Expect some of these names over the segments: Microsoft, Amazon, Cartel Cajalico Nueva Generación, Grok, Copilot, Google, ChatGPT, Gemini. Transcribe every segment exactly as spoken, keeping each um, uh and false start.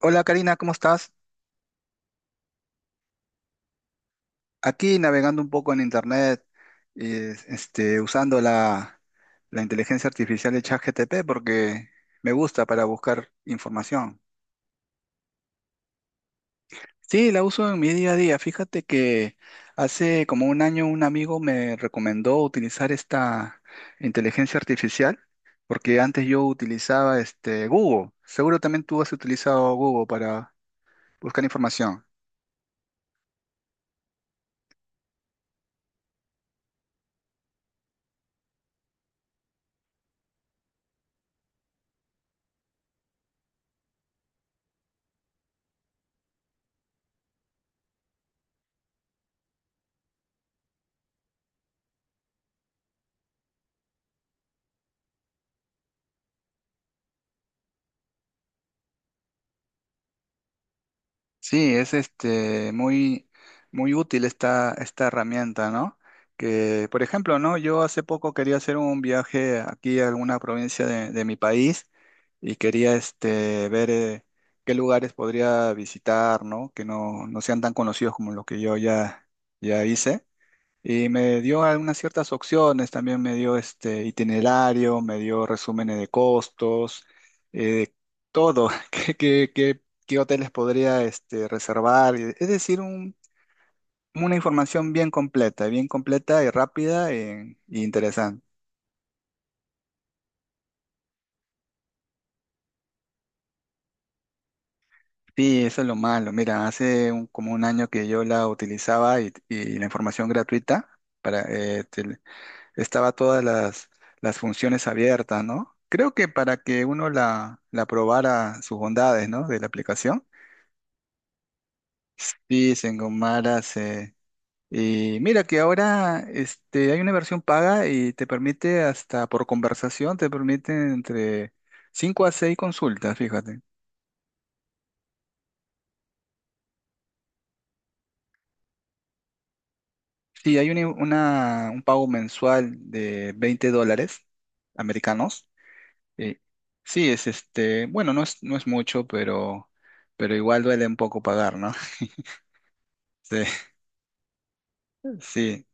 Hola Karina, ¿cómo estás? Aquí navegando un poco en internet, eh, este, usando la, la inteligencia artificial de ChatGPT porque me gusta para buscar información. Sí, la uso en mi día a día. Fíjate que hace como un año un amigo me recomendó utilizar esta inteligencia artificial porque antes yo utilizaba este, Google. Seguro también tú has utilizado Google para buscar información. Sí, es este muy, muy útil esta, esta herramienta, ¿no? Que, por ejemplo, ¿no? Yo hace poco quería hacer un viaje aquí a alguna provincia de, de mi país y quería este, ver eh, qué lugares podría visitar, ¿no? Que no, no sean tan conocidos como los que yo ya, ya hice. Y me dio algunas ciertas opciones, también me dio este itinerario, me dio resúmenes de costos, eh, todo, qué, qué, qué- qué hoteles podría este, reservar. y- Es decir, un- una información bien completa, bien completa y rápida e, e interesante. Sí, eso es lo malo. Mira, hace un- como un año que yo la utilizaba y, y la información gratuita para, este, estaba todas las, las funciones abiertas, ¿no? Creo que para que uno la, la probara sus bondades, ¿no? De la aplicación. Y se engomara, se... Y mira que ahora este, hay una versión paga y te permite hasta por conversación, te permite entre cinco a seis consultas, fíjate. Sí, hay una, una- un pago mensual de veinte dólares americanos. eh, sí, es este, bueno, no es, no es mucho, pero, pero igual duele un poco pagar, ¿no? Sí, sí,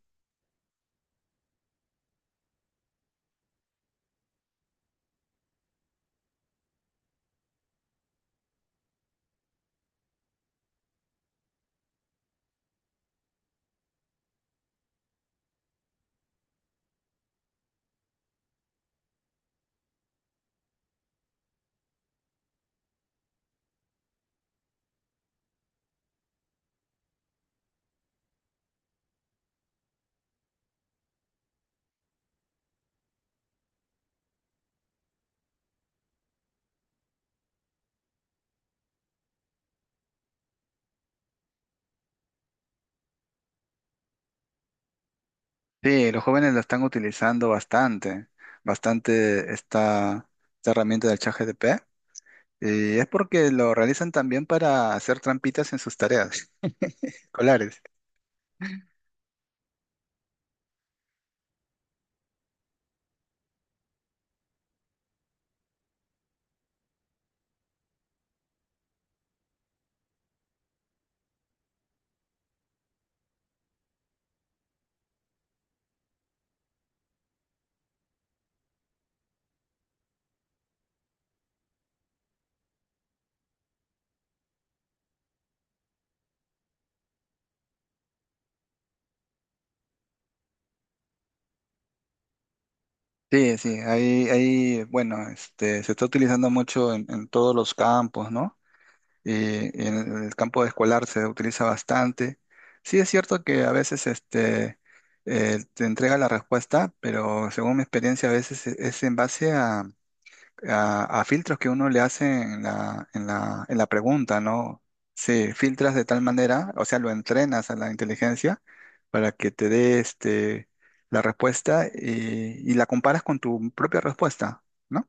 sí, los jóvenes la están utilizando bastante, bastante esta, esta herramienta del ChatGPT y es porque lo realizan también para hacer trampitas en sus tareas escolares. Sí, sí, ahí, ahí, bueno, este, se está utilizando mucho en, en todos los campos, ¿no? Y, y en el campo escolar se utiliza bastante. Sí, es cierto que a veces, este, eh, te entrega la respuesta, pero según mi experiencia, a veces es es en base a a, a filtros que uno le hace en la, en la, en la pregunta, ¿no? Sí, filtras de tal manera, o sea, lo entrenas a la inteligencia para que te dé este, la respuesta y, y la comparas con tu propia respuesta, ¿no?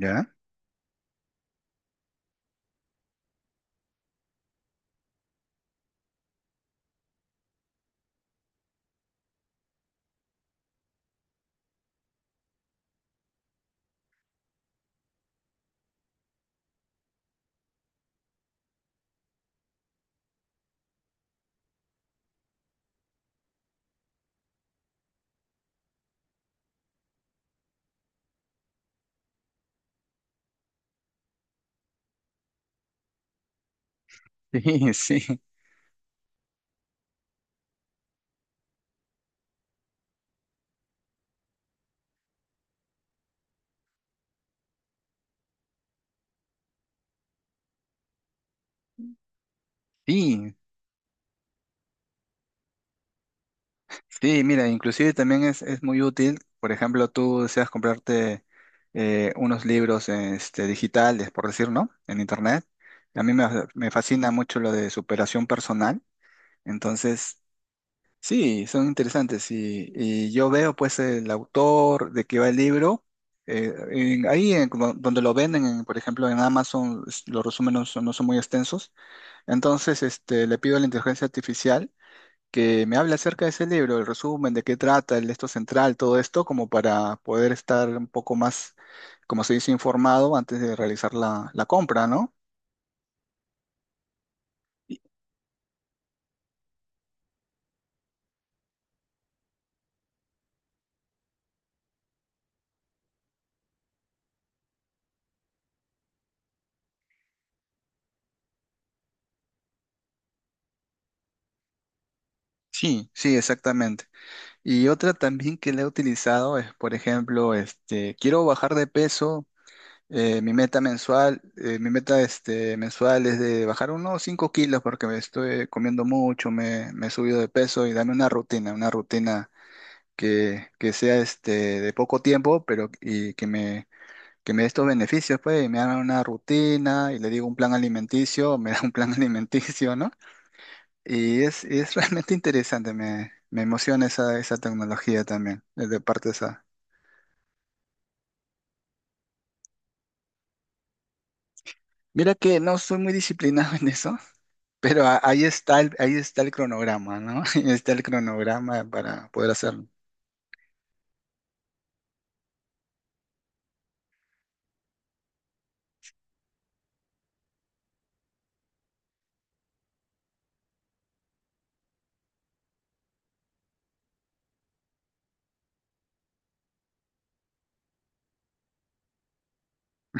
¿Ya? Sí, sí, sí, sí, mira, inclusive también es, es muy útil, por ejemplo, tú deseas comprarte eh, unos libros este, digitales, por decir, ¿no? En internet. A mí me me fascina mucho lo de superación personal. Entonces, sí, son interesantes y, y yo veo pues el autor de qué va el libro, eh, en- ahí en como donde lo venden, en, por ejemplo en Amazon es- los resúmenes no son, no son muy extensos, entonces este, le pido a la inteligencia artificial que me hable acerca de ese libro, el resumen, de qué trata, el esto central, todo esto, como para poder estar un poco más, como se dice, informado antes de realizar la, la compra, ¿no? Y- Sí, sí, exactamente. Y otra también que la he utilizado es, por ejemplo, este, quiero bajar de peso, eh, mi meta mensual, eh, mi meta este, mensual es de bajar unos cinco kilos porque me estoy comiendo mucho, me, me he subido de peso y dame una rutina, una rutina que, que sea este, de poco tiempo, pero y que me, que me dé estos beneficios, pues, y me hagan una rutina y le digo un plan alimenticio, me da un plan alimenticio, ¿no? Y es, y es realmente interesante, me, me emociona esa, esa tecnología también, eh, de parte de esa. Mira que no soy muy disciplinado en eso, pero a- ahí está el, ahí está el cronograma, ¿no? Ahí está el cronograma para poder hacerlo.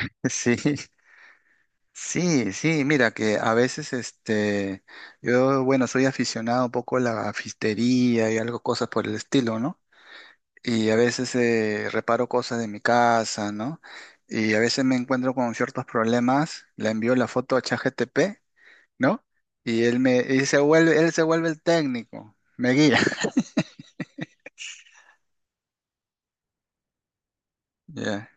Sí, sí, sí, mira que a veces este, yo, bueno, soy aficionado un poco a la fistería y algo, cosas por el estilo, ¿no? Y a veces eh, reparo cosas de mi casa, ¿no? Y a veces me encuentro con ciertos problemas, le envío la foto a ChatGPT, ¿no? Y él me y se vuelve, él se vuelve el técnico, me guía. Ya.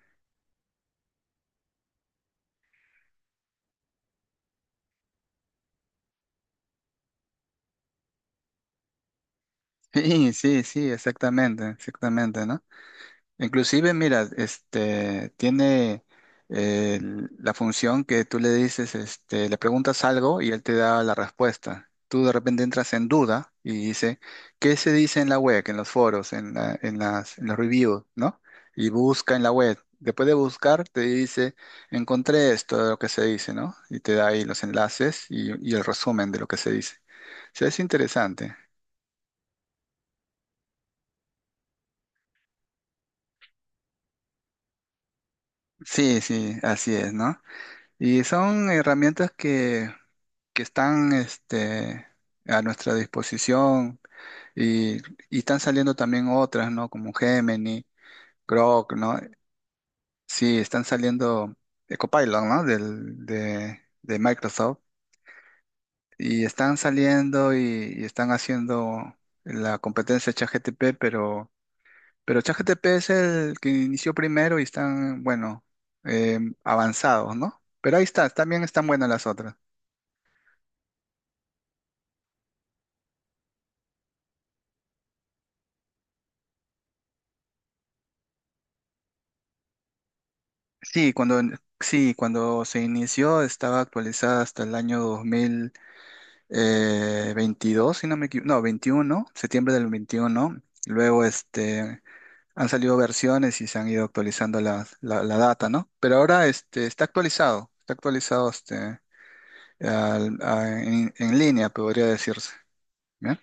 Sí, sí, sí, exactamente, exactamente, ¿no? Inclusive, mira, este tiene eh, la función que tú le dices, este, le preguntas algo y él te da la respuesta. Tú de repente entras en duda y dice, ¿qué se dice en la web, en los foros, en la- en las, en los reviews, ¿no? Y busca en la web. Después de buscar, te dice, encontré esto de lo que se dice, ¿no? Y te da ahí los enlaces y, y el resumen de lo que se dice. O sea, es interesante. Sí, sí, así es, ¿no? Y son herramientas que que están este, a nuestra disposición y, y están saliendo también otras, ¿no? Como Gemini, Grok, ¿no? Sí, están saliendo eh, Copilot, ¿no? Del, de, de Microsoft y están saliendo y, y están haciendo la competencia de ChatGPT, pero, pero ChatGPT es el que inició primero y están, bueno, eh, avanzados, ¿no? Pero ahí está, también están buenas las otras. Sí, cuando, sí, cuando se inició estaba actualizada hasta el año dos mil veintidós, si no me equivoco, no, veintiuno, septiembre del veintiuno. Luego este, han salido versiones y se han ido actualizando las- la, la data, ¿no? Pero ahora este, está actualizado, está actualizado este, al- a- en, en línea, podría decirse. ¿Bien?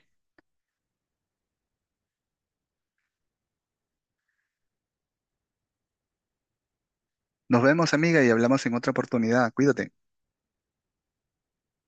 Nos vemos, amiga, y hablamos en otra oportunidad. Cuídate.